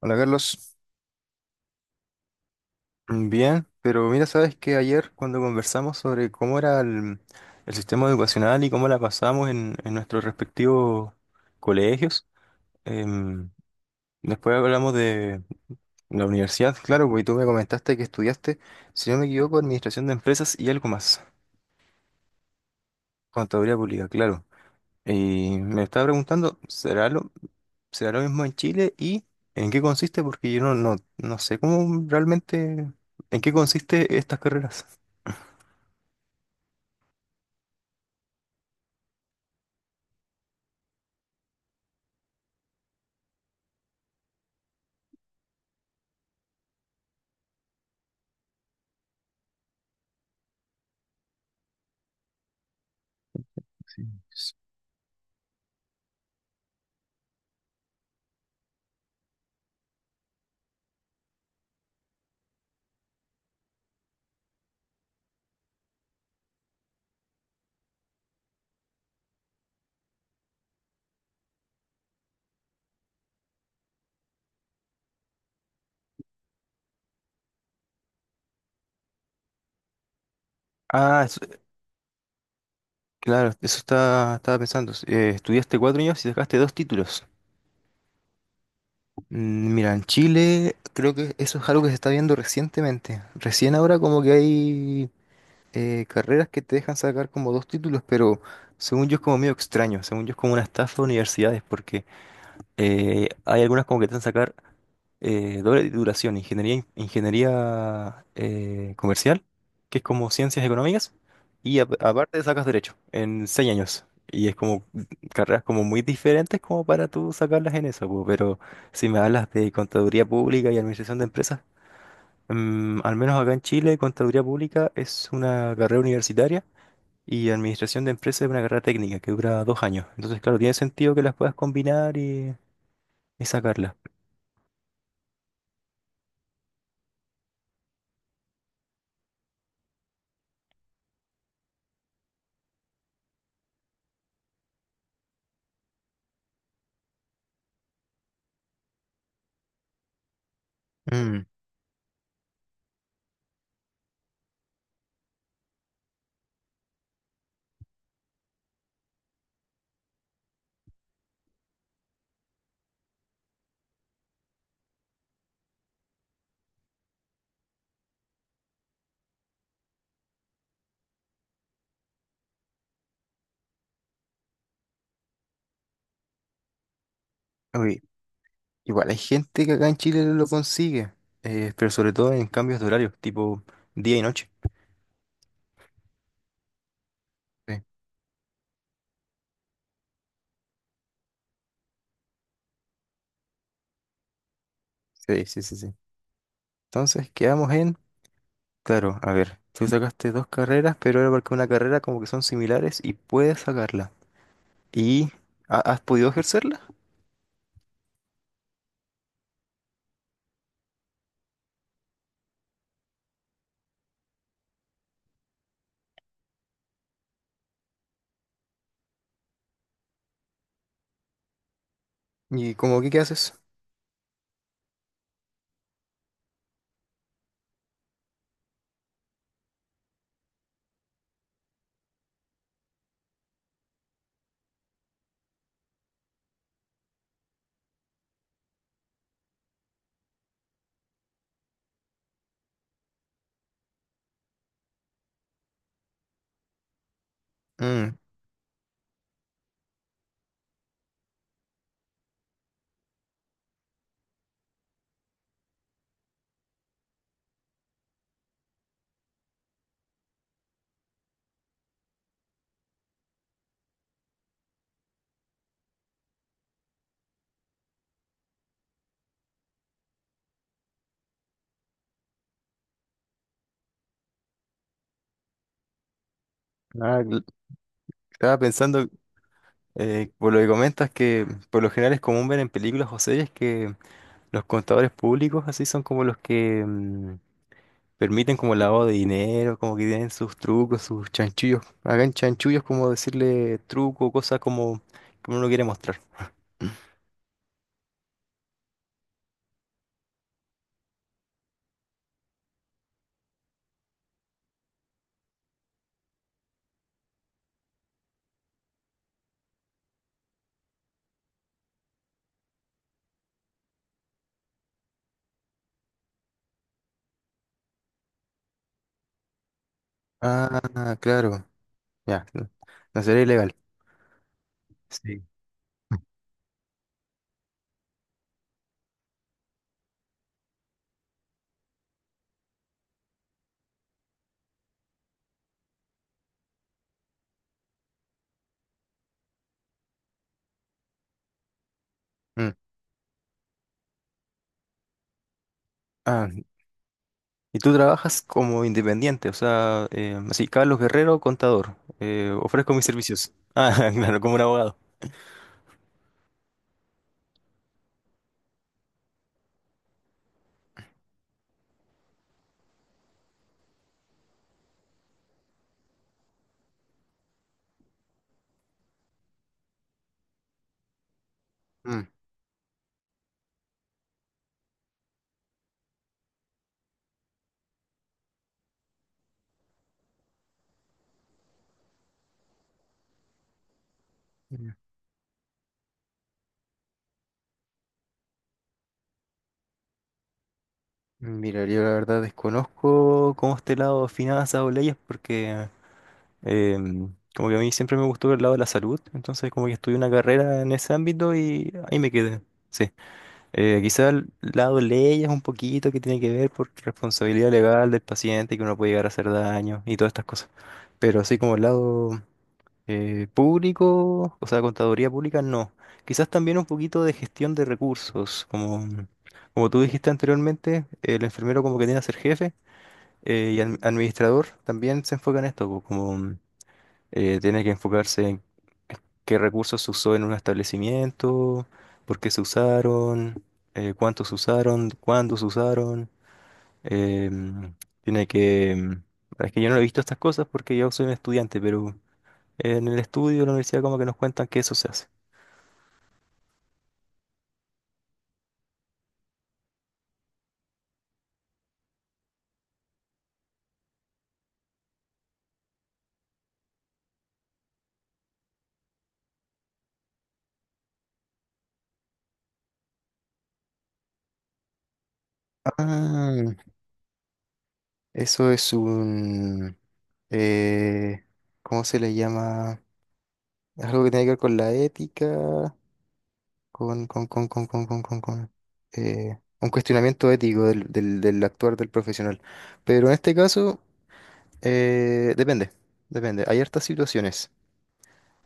Hola, Carlos. Bien, pero mira, sabes que ayer cuando conversamos sobre cómo era el sistema educacional y cómo la pasamos en nuestros respectivos colegios. em, Después hablamos de la universidad, claro, porque tú me comentaste que estudiaste, si no me equivoco, administración de empresas y algo más, contaduría pública, claro. Y me estaba preguntando, ¿será lo mismo en Chile y en qué consiste? Porque yo no, no, no sé cómo realmente, en qué consiste estas carreras. Ah, claro, estaba pensando. Estudiaste 4 años y sacaste 2 títulos. Mira, en Chile creo que eso es algo que se está viendo recientemente. Recién ahora como que hay carreras que te dejan sacar como 2 títulos, pero según yo es como medio extraño, según yo es como una estafa de universidades, porque hay algunas como que te hacen sacar doble titulación, ingeniería comercial, que es como ciencias económicas, y aparte sacas derecho en 6 años. Y es como carreras como muy diferentes como para tú sacarlas en eso, po. Pero si me hablas de contaduría pública y administración de empresas, al menos acá en Chile, contaduría pública es una carrera universitaria y administración de empresas es una carrera técnica que dura 2 años. Entonces, claro, tiene sentido que las puedas combinar y sacarlas. Mm, oye, igual hay gente que acá en Chile lo consigue, pero sobre todo en cambios de horarios, tipo día y noche. Sí, sí, sí, sí, sí. Entonces quedamos en, claro, a ver, tú sacaste dos carreras, pero era porque una carrera como que son similares y puedes sacarla. ¿Y has podido ejercerla? ¿Y como que qué haces? Mm, ah, estaba pensando, por lo que comentas, que por lo general es común ver en películas o series que los contadores públicos así son como los que permiten como el lavado de dinero, como que tienen sus trucos, sus chanchullos. Hagan chanchullos como decirle truco, cosas como que uno no quiere mostrar. Ah, claro. Ya. No, no sería ilegal. Sí. Mm. Ah, y tú trabajas como independiente, o sea, así, Carlos Guerrero, contador. Ofrezco mis servicios. Ah, claro, como un abogado. Mm. Mm. Mira, yo la verdad desconozco cómo este lado finanzas o leyes porque Eh, como que a mí siempre me gustó el lado de la salud, entonces como que estudié una carrera en ese ámbito y ahí me quedé. Sí, quizá el lado de leyes un poquito que tiene que ver por responsabilidad legal del paciente que uno puede llegar a hacer daño y todas estas cosas. Pero así como el lado público, o sea, contaduría pública, no. Quizás también un poquito de gestión de recursos, como tú dijiste anteriormente, el enfermero como que tiene que ser jefe y el administrador también se enfoca en esto, po, como tiene que enfocarse en qué recursos se usó en un establecimiento, por qué se usaron, cuántos se usaron, cuándo se usaron. em, tiene que... em, Es que yo no he visto estas cosas porque yo soy un estudiante, pero en el estudio de la universidad como que nos cuentan que eso se hace. Ah, eso es un... eh, ¿cómo se le llama? Algo que tiene que ver con la ética. Con, un cuestionamiento ético del actuar del profesional. Pero en este caso, eh, depende, depende. Hay hartas situaciones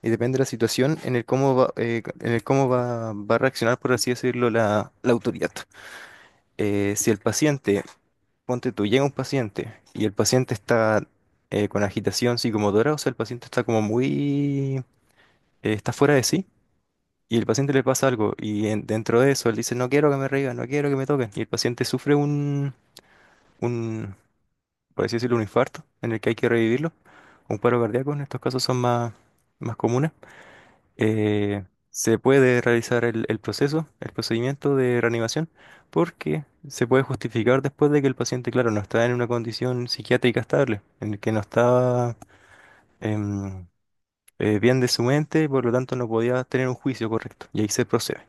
y depende de la situación en el cómo va, va a reaccionar, por así decirlo, la autoridad. Si el paciente, ponte tú, llega un paciente y el paciente está con agitación psicomotora, o sea, el paciente está como muy, está fuera de sí. Y el paciente le pasa algo y dentro de eso él dice, no quiero que me revivan, no quiero que me toquen. Y el paciente sufre un, por así decirlo, un infarto en el que hay que revivirlo, un paro cardíaco, en estos casos son más comunes. Eh, se puede realizar el procedimiento de reanimación, porque se puede justificar después de que el paciente, claro, no está en una condición psiquiátrica estable, en el que no está em, bien de su mente, por lo tanto no podía tener un juicio correcto. Y ahí se procede.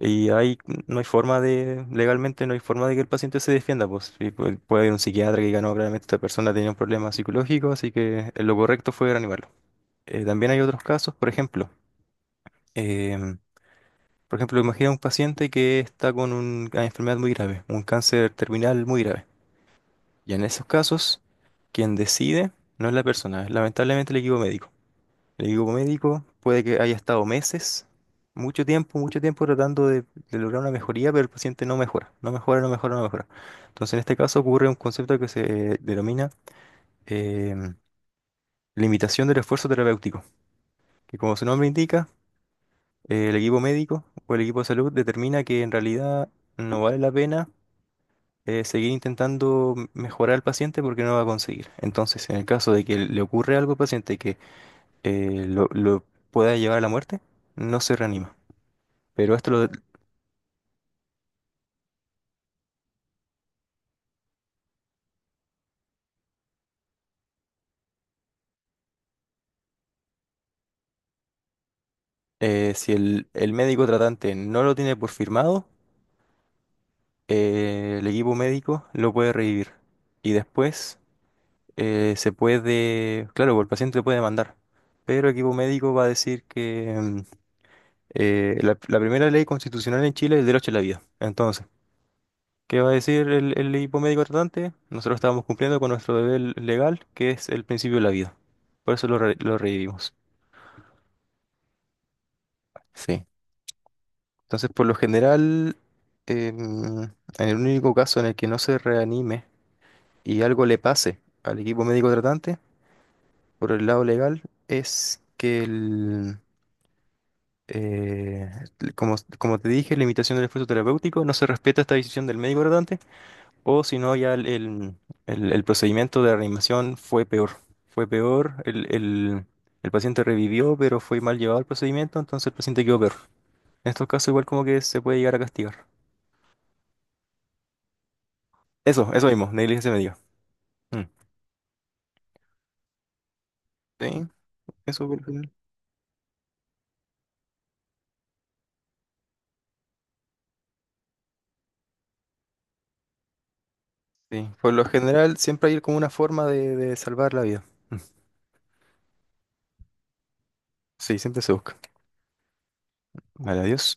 Y ahí no hay forma de, legalmente no hay forma de que el paciente se defienda, pues. Y puede, haber un psiquiatra que diga, no, claramente esta persona tenía un problema psicológico, así que lo correcto fue reanimarlo. También hay otros casos, por ejemplo, em, imagina un paciente que está con una enfermedad muy grave, un cáncer terminal muy grave. Y en esos casos, quien decide no es la persona, es lamentablemente el equipo médico. El equipo médico puede que haya estado meses, mucho tiempo tratando de lograr una mejoría, pero el paciente no mejora, no mejora, no mejora, no mejora. Entonces, en este caso ocurre un concepto que se denomina em, limitación del esfuerzo terapéutico, que como su nombre indica, el equipo médico o el equipo de salud determina que en realidad no vale la pena seguir intentando mejorar al paciente porque no va a conseguir. Entonces, en el caso de que le ocurre algo al paciente que lo pueda llevar a la muerte, no se reanima. Pero esto, lo- si el médico tratante no lo tiene por firmado, el equipo médico lo puede revivir. Y después se puede, claro, pues el paciente puede demandar, pero el equipo médico va a decir que la primera ley constitucional en Chile es el derecho a la vida. Entonces, ¿qué va a decir el equipo médico tratante? Nosotros estábamos cumpliendo con nuestro deber legal, que es el principio de la vida. Por eso lo revivimos. Sí. Entonces, por lo general, en el único caso en el que no se reanime y algo le pase al equipo médico tratante, por el lado legal, es que eh, como te dije, la limitación del esfuerzo terapéutico no se respeta esta decisión del médico tratante, o si no, ya el procedimiento de reanimación fue peor. Fue peor, el paciente revivió, pero fue mal llevado el procedimiento, entonces el paciente quedó peor. En estos casos, igual como que se puede llegar a castigar. Eso mismo, negligencia médica. Mm. Sí, eso por lo general. Sí, por lo general siempre hay como una forma de salvar la vida. Mm. Sí, siempre se busca. Vale, adiós.